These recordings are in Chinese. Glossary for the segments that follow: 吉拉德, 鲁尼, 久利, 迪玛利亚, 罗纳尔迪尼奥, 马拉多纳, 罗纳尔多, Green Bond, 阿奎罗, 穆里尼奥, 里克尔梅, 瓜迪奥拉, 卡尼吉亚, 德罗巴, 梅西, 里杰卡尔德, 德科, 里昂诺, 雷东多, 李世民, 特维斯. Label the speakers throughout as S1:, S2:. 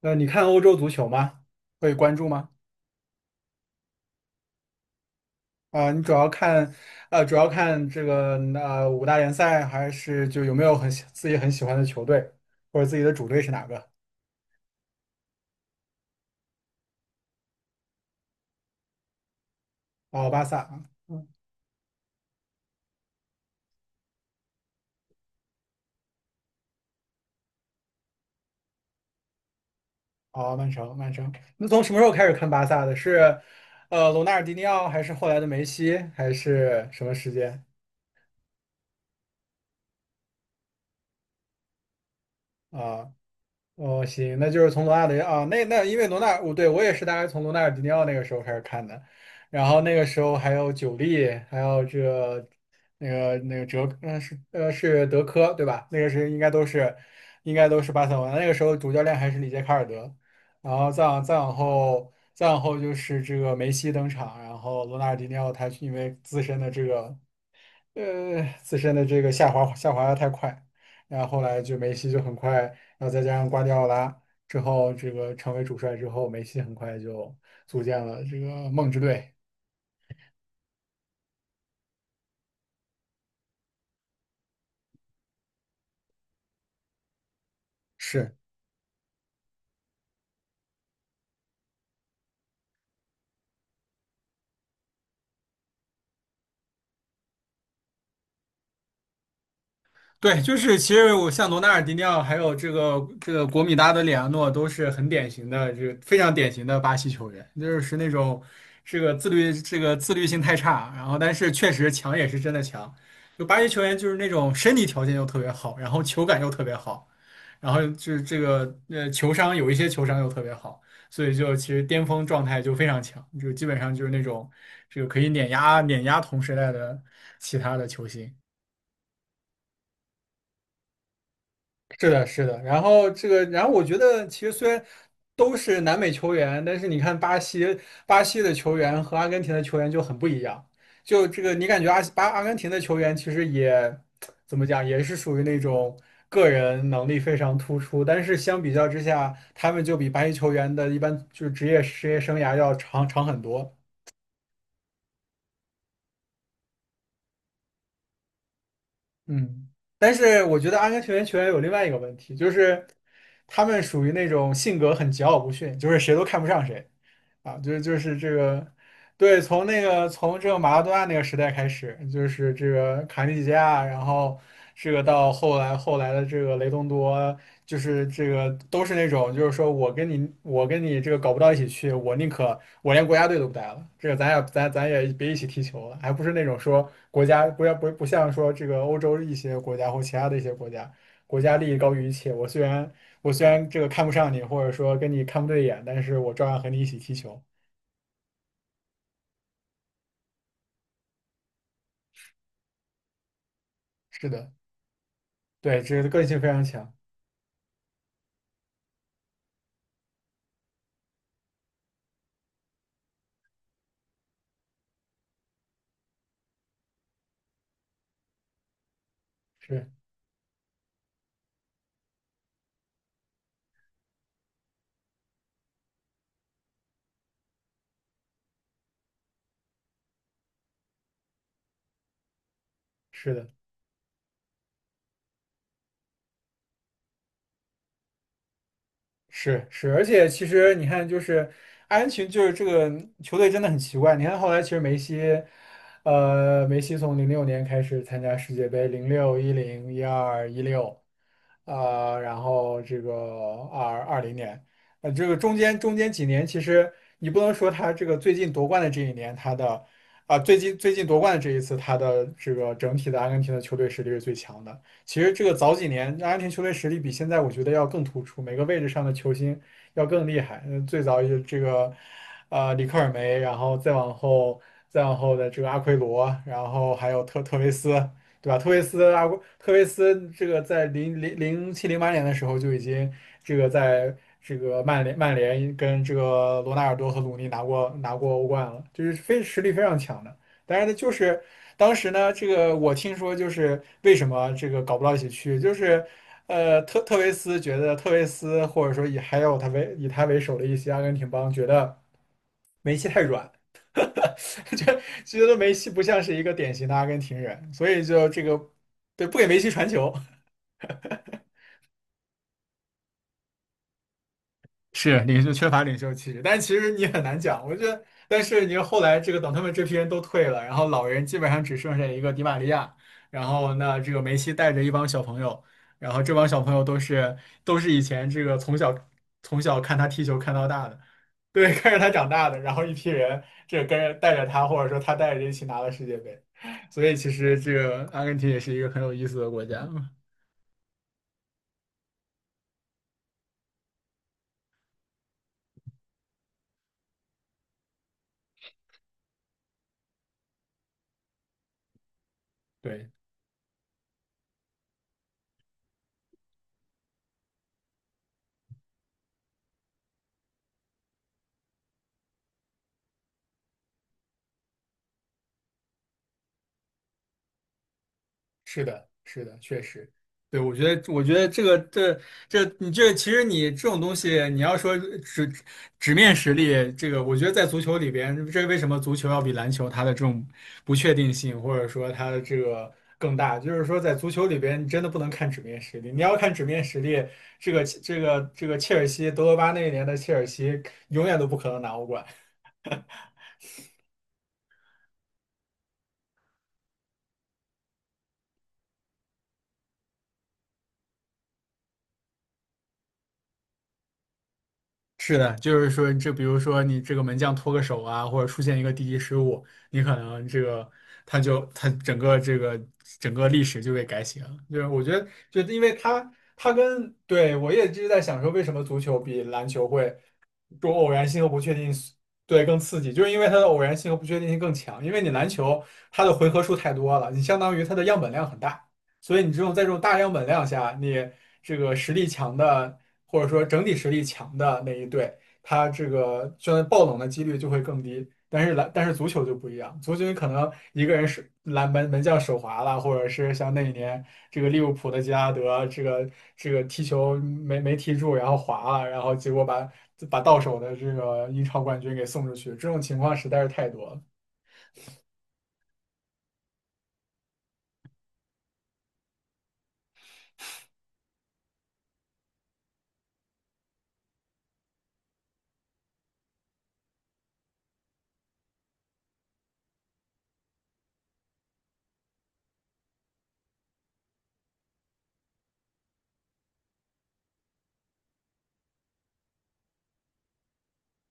S1: 你看欧洲足球吗？会关注吗？你主要看，主要看这个五大联赛，还是就有没有很喜自己很喜欢的球队，或者自己的主队是哪个？哦，巴萨啊。哦，曼城，曼城。那从什么时候开始看巴萨的？是，罗纳尔迪尼奥，还是后来的梅西，还是什么时间？啊、哦，行，那就是从罗纳德啊，那因为我也是大概从罗纳尔迪尼奥那个时候开始看的。然后那个时候还有久利，还有这个那个哲，是德科对吧？那个是应该都是巴塞罗那那个时候主教练还是里杰卡尔德，然后再往后就是这个梅西登场，然后罗纳尔迪尼奥他因为自身的这个下滑的太快，然后后来就梅西就很快，然后再加上瓜迪奥拉之后，这个成为主帅之后，梅西很快就组建了这个梦之队。是。对，就是其实我像罗纳尔迪尼奥，还有这个国米搭的里昂诺，都是很典型的，这个非常典型的巴西球员，就是那种这个自律性太差，然后但是确实强也是真的强。就巴西球员就是那种身体条件又特别好，然后球感又特别好，然后就是这个呃球商有一些球商又特别好，所以就其实巅峰状态就非常强，就基本上就是那种这个可以碾压碾压同时代的其他的球星。是的，是的。然后这个，然后我觉得其实虽然都是南美球员，但是你看巴西的球员和阿根廷的球员就很不一样。就这个，你感觉阿根廷的球员其实也怎么讲，也是属于那种个人能力非常突出，但是相比较之下，他们就比巴西球员的一般就是职业生涯要长很多。嗯，但是我觉得阿根廷球员有另外一个问题，就是他们属于那种性格很桀骜不驯，就是谁都看不上谁啊，就是这个。对，从从这个马拉多纳那个时代开始，就是这个卡尼吉亚，然后这个到后来的这个雷东多，就是这个都是那种，就是说我跟你这个搞不到一起去，我宁可我连国家队都不带了，这个咱也别一起踢球了，还不是那种说国家不像说这个欧洲一些国家或其他的一些国家，国家利益高于一切，我虽然这个看不上你，或者说跟你看不对眼，但是我照样和你一起踢球。是的。对，这个个性非常强，是是的，是是，而且其实你看，就是阿根廷，就是这个球队真的很奇怪。你看后来，其实梅西，呃，梅西从2006年开始参加世界杯，零六、一零、一二、一六，然后这个二零年，这个中间几年，其实你不能说他这个最近夺冠的这一年，他的最近夺冠的这一次，他的这个整体的阿根廷的球队实力是最强的。其实这个早几年阿根廷球队实力比现在我觉得要更突出，每个位置上的球星要更厉害。嗯，最早也这个，里克尔梅，然后再往后的这个阿奎罗，然后还有特维斯，对吧？特维斯这个在零七零八年的时候就已经这个在这个曼联跟这个罗纳尔多和鲁尼拿过欧冠了，就是非实力非常强的。但是呢，就是当时呢，这个我听说就是为什么这个搞不到一起去，就是特维斯觉得特维斯或者说以他为首的一些阿根廷帮觉得。梅西太软，觉得梅西不像是一个典型的阿根廷人，所以就这个对不给梅西传球。是领袖缺乏领袖气质，但其实你很难讲。我觉得，但是你后来这个等他们这批人都退了，然后老人基本上只剩下一个迪玛利亚，然后这个梅西带着一帮小朋友，然后这帮小朋友都是以前这个从小看他踢球看到大的。对，看着他长大的，然后一批人跟着带着他，或者说他带着一起拿了世界杯，所以其实这个阿根廷也是一个很有意思的国家。对。是的，是的，确实。对，我觉得，我觉得这个，这这，你这其实你这种东西，你要说纸面实力，这个我觉得在足球里边，为什么足球要比篮球它的这种不确定性，或者说它的这个更大，就是说在足球里边，你真的不能看纸面实力，你要看纸面实力，这个切尔西，德罗巴那一年的切尔西永远都不可能拿欧冠。是的，就是说，比如说你这个门将脱个手啊，或者出现一个低级失误，你可能这个他整个历史就被改写了。就是我觉得，就是因为他他跟对我也一直在想说，为什么足球比篮球会多偶然性和不确定性。对，更刺激，就是因为它的偶然性和不确定性更强。因为你篮球它的回合数太多了，你相当于它的样本量很大。所以你在这种大量本量下，你这个实力强的，或者说整体实力强的那一队，他这个虽然爆冷的几率就会更低，但是足球就不一样，足球你可能一个人是门将手滑了，或者是像那一年这个利物浦的吉拉德，这个踢球没踢住，然后滑了，然后结果把到手的这个英超冠军给送出去，这种情况实在是太多了。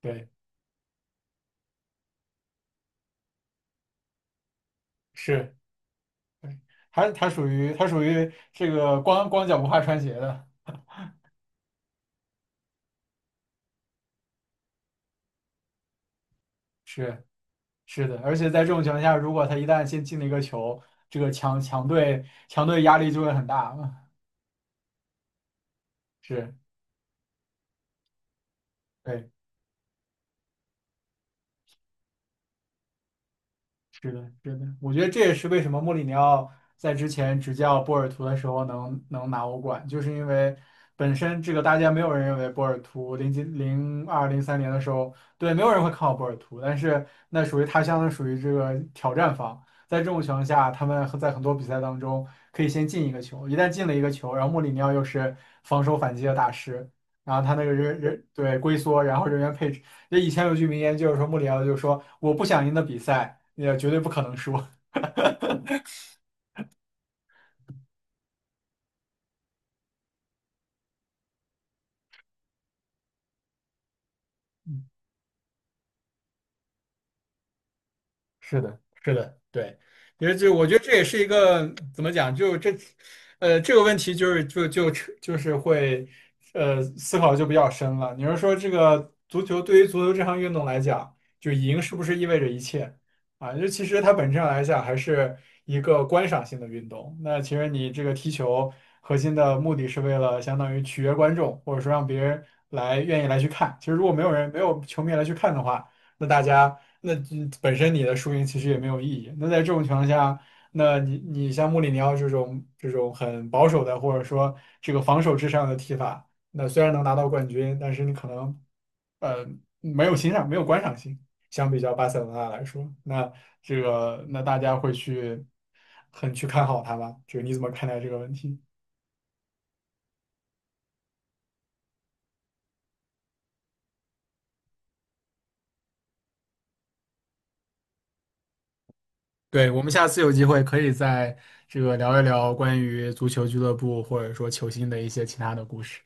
S1: 对，是。它属于这个光脚不怕穿鞋的。是是的，而且在这种情况下，如果他一旦先进了一个球，这个强队压力就会很大。嗯是。对。是的，是的，我觉得这也是为什么穆里尼奥在之前执教波尔图的时候能拿欧冠，就是因为本身这个大家没有人认为波尔图零二零三年的时候，对，没有人会看好波尔图，但是那属于他相当属于这个挑战方，在这种情况下，他们在很多比赛当中可以先进一个球，一旦进了一个球，然后穆里尼奥又是防守反击的大师，然后他那个人对龟缩，然后人员配置。那以前有句名言就是说穆里奥就说我不想赢的比赛，也绝对不可能输。是的，是的。对，因为就我觉得这也是一个怎么讲，就这，这个问题就是会，思考就比较深了。你是说这个足球对于足球这项运动来讲，就赢是不是意味着一切啊？就其实它本质上来讲还是一个观赏性的运动。那其实你这个踢球核心的目的是为了相当于取悦观众，或者说让别人愿意来去看。其实如果没有球迷来去看的话，那大家那嗯本身你的输赢其实也没有意义。那在这种情况下，那你像穆里尼奥这种很保守的，或者说这个防守至上的踢法，那虽然能拿到冠军，但是你可能呃没有欣赏，没有观赏性。相比较巴塞罗那来说，那这个那大家会去去看好他吧？你怎么看待这个问题？对，我们下次有机会可以这个聊一聊关于足球俱乐部或者说球星的一些其他的故事。